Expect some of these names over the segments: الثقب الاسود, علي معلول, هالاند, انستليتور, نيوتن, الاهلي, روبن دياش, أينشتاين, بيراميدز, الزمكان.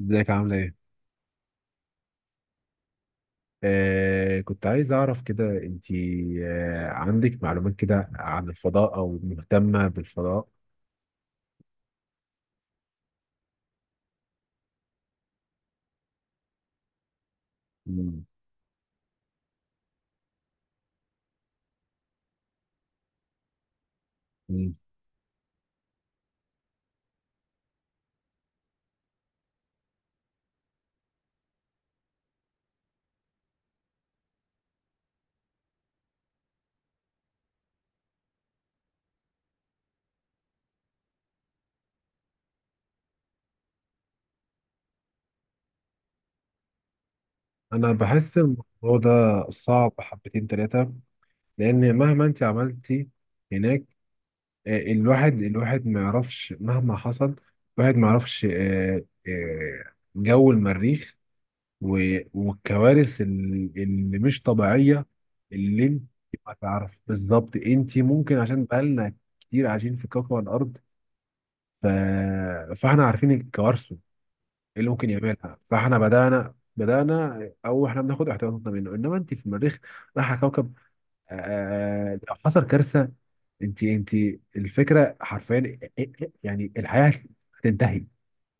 ازيك عاملة ايه؟ كنت عايز اعرف كده انتي عندك معلومات كده عن الفضاء او مهتمة بالفضاء؟ مم. مم. انا بحس الموضوع ده صعب حبتين تلاتة. لان مهما انتي عملتي هناك، الواحد ما يعرفش مهما حصل. الواحد ما يعرفش جو المريخ، والكوارث اللي مش طبيعية، اللي انت ما تعرف بالظبط. انت ممكن عشان بقالنا كتير عايشين في كوكب الارض، ف... فاحنا عارفين كوارثه، ايه اللي ممكن يعملها، فاحنا بدأنا او احنا بناخد احتياطاتنا منه. انما انت في المريخ رايحة كوكب، لو حصل كارثة، انت الفكرة حرفيا يعني الحياة هتنتهي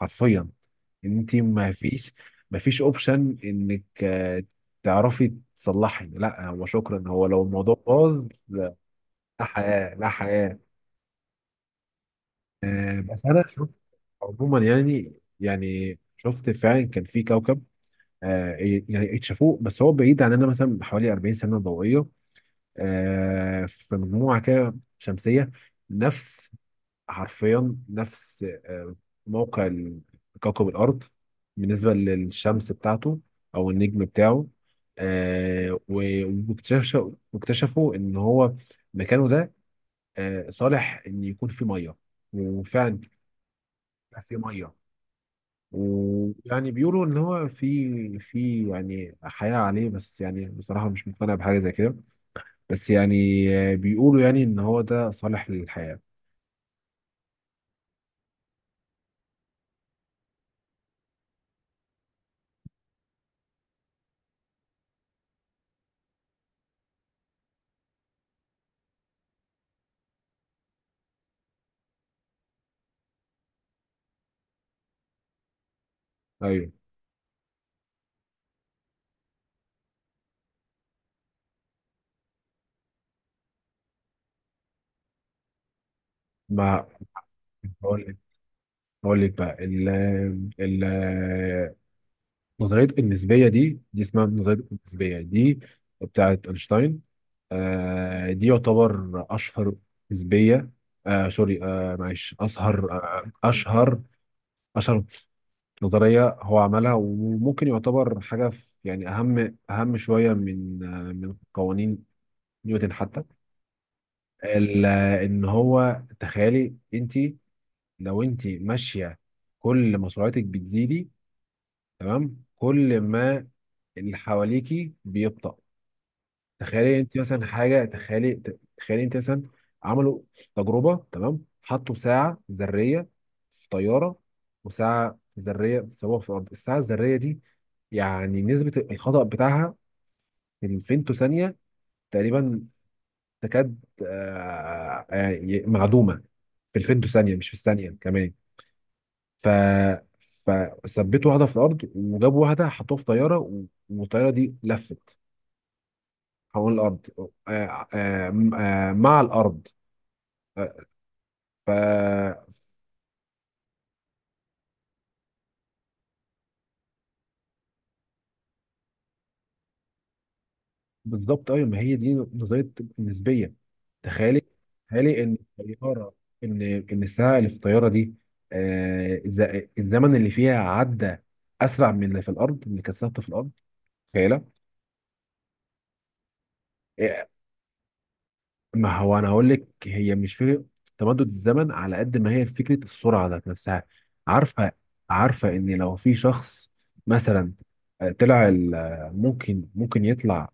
حرفيا، ان انت ما فيش اوبشن انك تعرفي تصلحي. لا هو شكرا، هو لو الموضوع باظ، لا، لا حياه، لا حياه. بس انا شفت عموما يعني شفت فعلا كان في كوكب، آه، يعني اكتشفوه، بس هو بعيد عننا مثلا بحوالي 40 سنه ضوئيه. في مجموعه كده شمسيه، نفس حرفيا نفس موقع كوكب الأرض بالنسبة للشمس بتاعته أو النجم بتاعه. آه، و- واكتشف واكتشفوا إن هو مكانه ده صالح إن يكون فيه مية، وفعلا فيه مية. ويعني بيقولوا إن هو في يعني حياة عليه، بس يعني بصراحة مش مقتنع بحاجة زي كده. بس يعني بيقولوا يعني إن هو ده صالح للحياة. أيوه. ما بقول لك بقى ال ال نظرية النسبية دي، اسمها نظرية النسبية دي، بتاعت أينشتاين. دي يعتبر أشهر نسبية. سوري، معلش، أشهر، أشهر نظرية هو عملها، وممكن يعتبر حاجة، في يعني أهم شوية من قوانين نيوتن حتى. ال- إن هو تخيلي أنت، لو أنت ماشية كل ما سرعتك بتزيدي، كل ما اللي حواليكي بيبطأ. تخيلي انت مثلا حاجه، تخيلي، انت مثلا عملوا تجربه، تمام؟ حطوا ساعه ذريه في طياره، وساعه ذريه سووها في الارض. الساعه الذريه دي يعني نسبه الخطأ بتاعها في الفيمتو ثانيه تقريبا، تكاد يعني معدومه، في الفيمتو ثانيه مش في الثانيه كمان. ف فثبتوا واحده في الارض، وجابوا واحده حطوها في طياره، والطياره دي لفت حول الأرض، مع الأرض آه، ف بالظبط أيوة، ما هي دي نظرية النسبية. تخيلي، إن الطيارة، إن إن الساعة اللي في الطيارة دي آه، الز- الزمن اللي فيها عدى أسرع من اللي في الأرض، من اللي كثافته في الأرض، تخيلة. ما هو انا هقول لك، هي مش فكره تمدد الزمن على قد ما هي فكره السرعه ذات نفسها. عارفه عارفه ان لو في شخص مثلا طلع ممكن يطلع،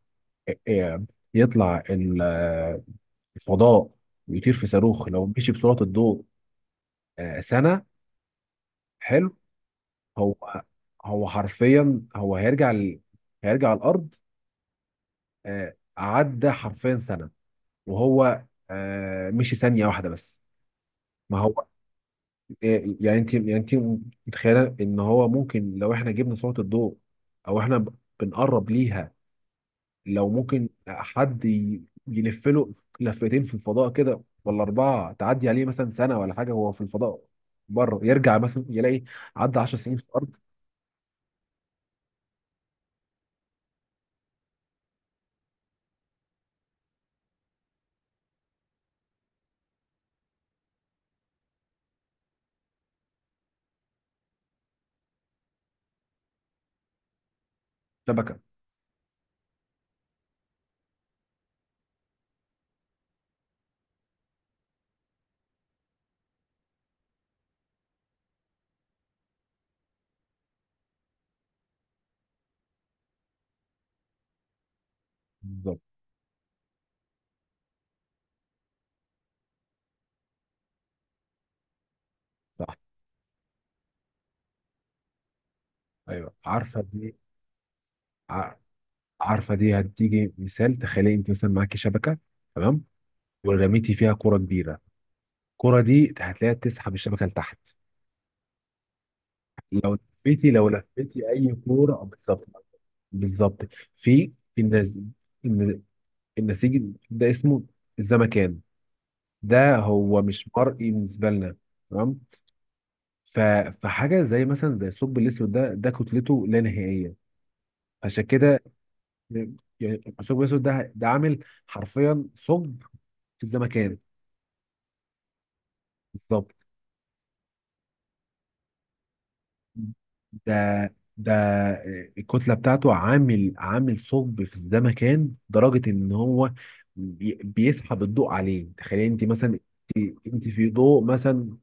آه، آه، يطلع الفضاء ويطير في صاروخ، لو مشي بسرعه الضوء سنه، حلو؟ هو هو حرفيا، هو هيرجع هيرجع الارض عدى حرفيا سنه، وهو مشي ثانيه واحده بس. ما هو إيه؟ يعني انت، متخيله ان هو ممكن لو احنا جبنا سرعه الضوء او احنا بنقرب ليها، لو ممكن حد يلف له لفتين في الفضاء كده، ولا اربعه، تعدي عليه مثلا سنه ولا حاجه وهو في الفضاء بره، يرجع مثلا يلاقي عدى 10 سنين في الارض. شبكه! بالظبط، صح. ايوه عارفه دي. ع- عارفه دي هتيجي مثال. تخيلي انت مثلا معاكي شبكه، تمام؟ ورميتي فيها كره كبيره، الكره دي هتلاقيها تسحب الشبكه لتحت. لو لو لفيتي اي كوره بالظبط، بالظبط. في النز...، الن- النسيج ده اسمه الزمكان، ده هو مش مرئي بالنسبه لنا، تمام؟ ف... فحاجه زي مثلا زي الثقب الاسود، ده كتلته لا نهائيه، عشان كده يعني الثقب الاسود ده عامل حرفيا ثقب في الزمكان. بالظبط، ده الكتلة بتاعته عامل، ثقب في الزمكان لدرجة ان هو بيسحب الضوء عليه. تخيلي انت مثلا انت في ضوء مثلا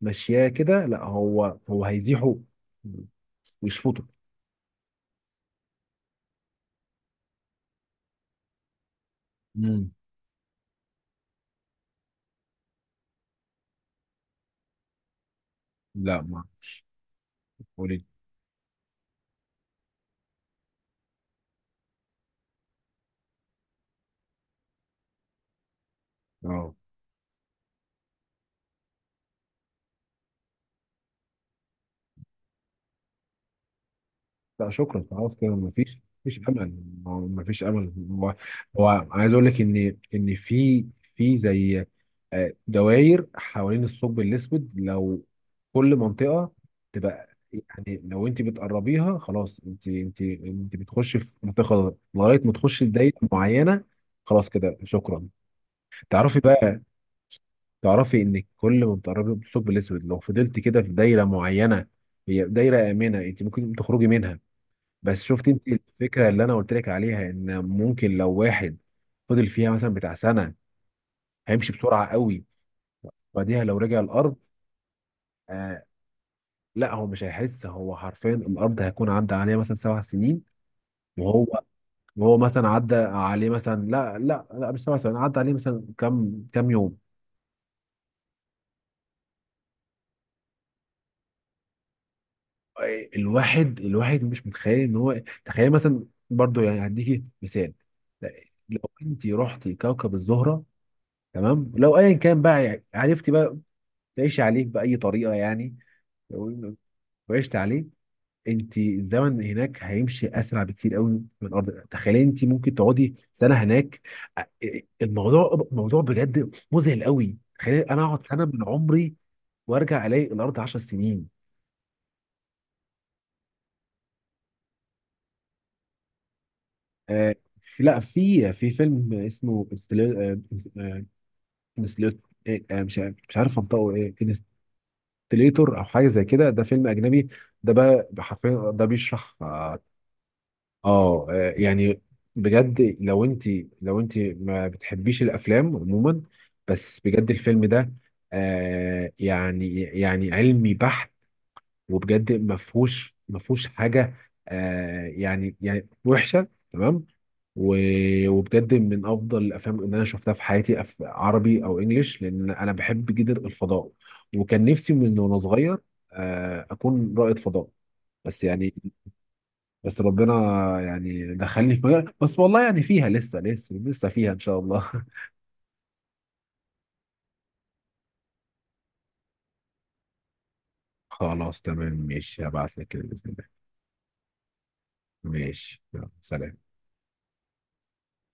ماشياه كده، لا هو، هيزيحه ويشفطه. مم. لا ما اعرفش، قولي لي. اه لا شكرا، خلاص كده مفيش، مفيش امل. هو مفيش امل. هو هو عايز اقول لك ان، في، زي دوائر حوالين الثقب الاسود، لو كل منطقه تبقى، يعني لو انت بتقربيها خلاص، انت، انت بتخش في منطقه خضراء لغايه ما تخشي دايره معينه، خلاص كده شكرا. تعرفي بقى، انك كل ما بتقربي من الثقب الاسود، لو فضلت كده في دايره معينه، هي دايره امنه انت ممكن تخرجي منها. بس شفت انت الفكره اللي انا قلت لك عليها، ان ممكن لو واحد فضل فيها مثلا بتاع سنه، هيمشي بسرعه قوي. بعديها لو رجع الارض، آه لا هو مش هيحس، هو حرفيا الارض هيكون عدى عليه مثلا 7 سنين، وهو، مثلا عدى عليه مثلا، لا لا لا، مش 7 سنين، عدى عليه مثلا كام كام يوم. الواحد مش متخيل ان هو. تخيل مثلا برضو، يعني هديكي مثال. لا، لو انت رحتي كوكب الزهره، تمام؟ لو ايا كان بقى، يعني عرفتي بقى تعيش عليك بأي طريقة يعني، لو وعشت عليه، انت الزمن هناك هيمشي اسرع بكتير قوي من الارض. تخيلي انت ممكن تقعدي سنه هناك. الموضوع موضوع بجد مذهل قوي. تخيلي انا اقعد سنه من عمري وارجع الاقي الارض 10 سنين. آه لا، في، فيلم اسمه انستليتور، مش عارف انطقه ايه، انستليتور او حاجه زي كده، ده فيلم اجنبي. ده بقى حرفيا ده بيشرح اه يعني بجد لو انت، ما بتحبيش الافلام عموما، بس بجد الفيلم ده يعني، علمي بحت، وبجد ما فيهوش حاجه يعني، وحشه. تمام؟ وبجد من افضل الافلام اللي انا شفتها في حياتي، عربي او انجليش، لان انا بحب جدا الفضاء، وكان نفسي من وانا صغير اكون رائد فضاء. بس يعني، بس ربنا يعني دخلني في مجال، بس والله يعني فيها لسه، لسه، لسه فيها ان شاء الله. خلاص تمام، ماشي، هبعت لك كده باذن الله. ماشي يلا، سلام.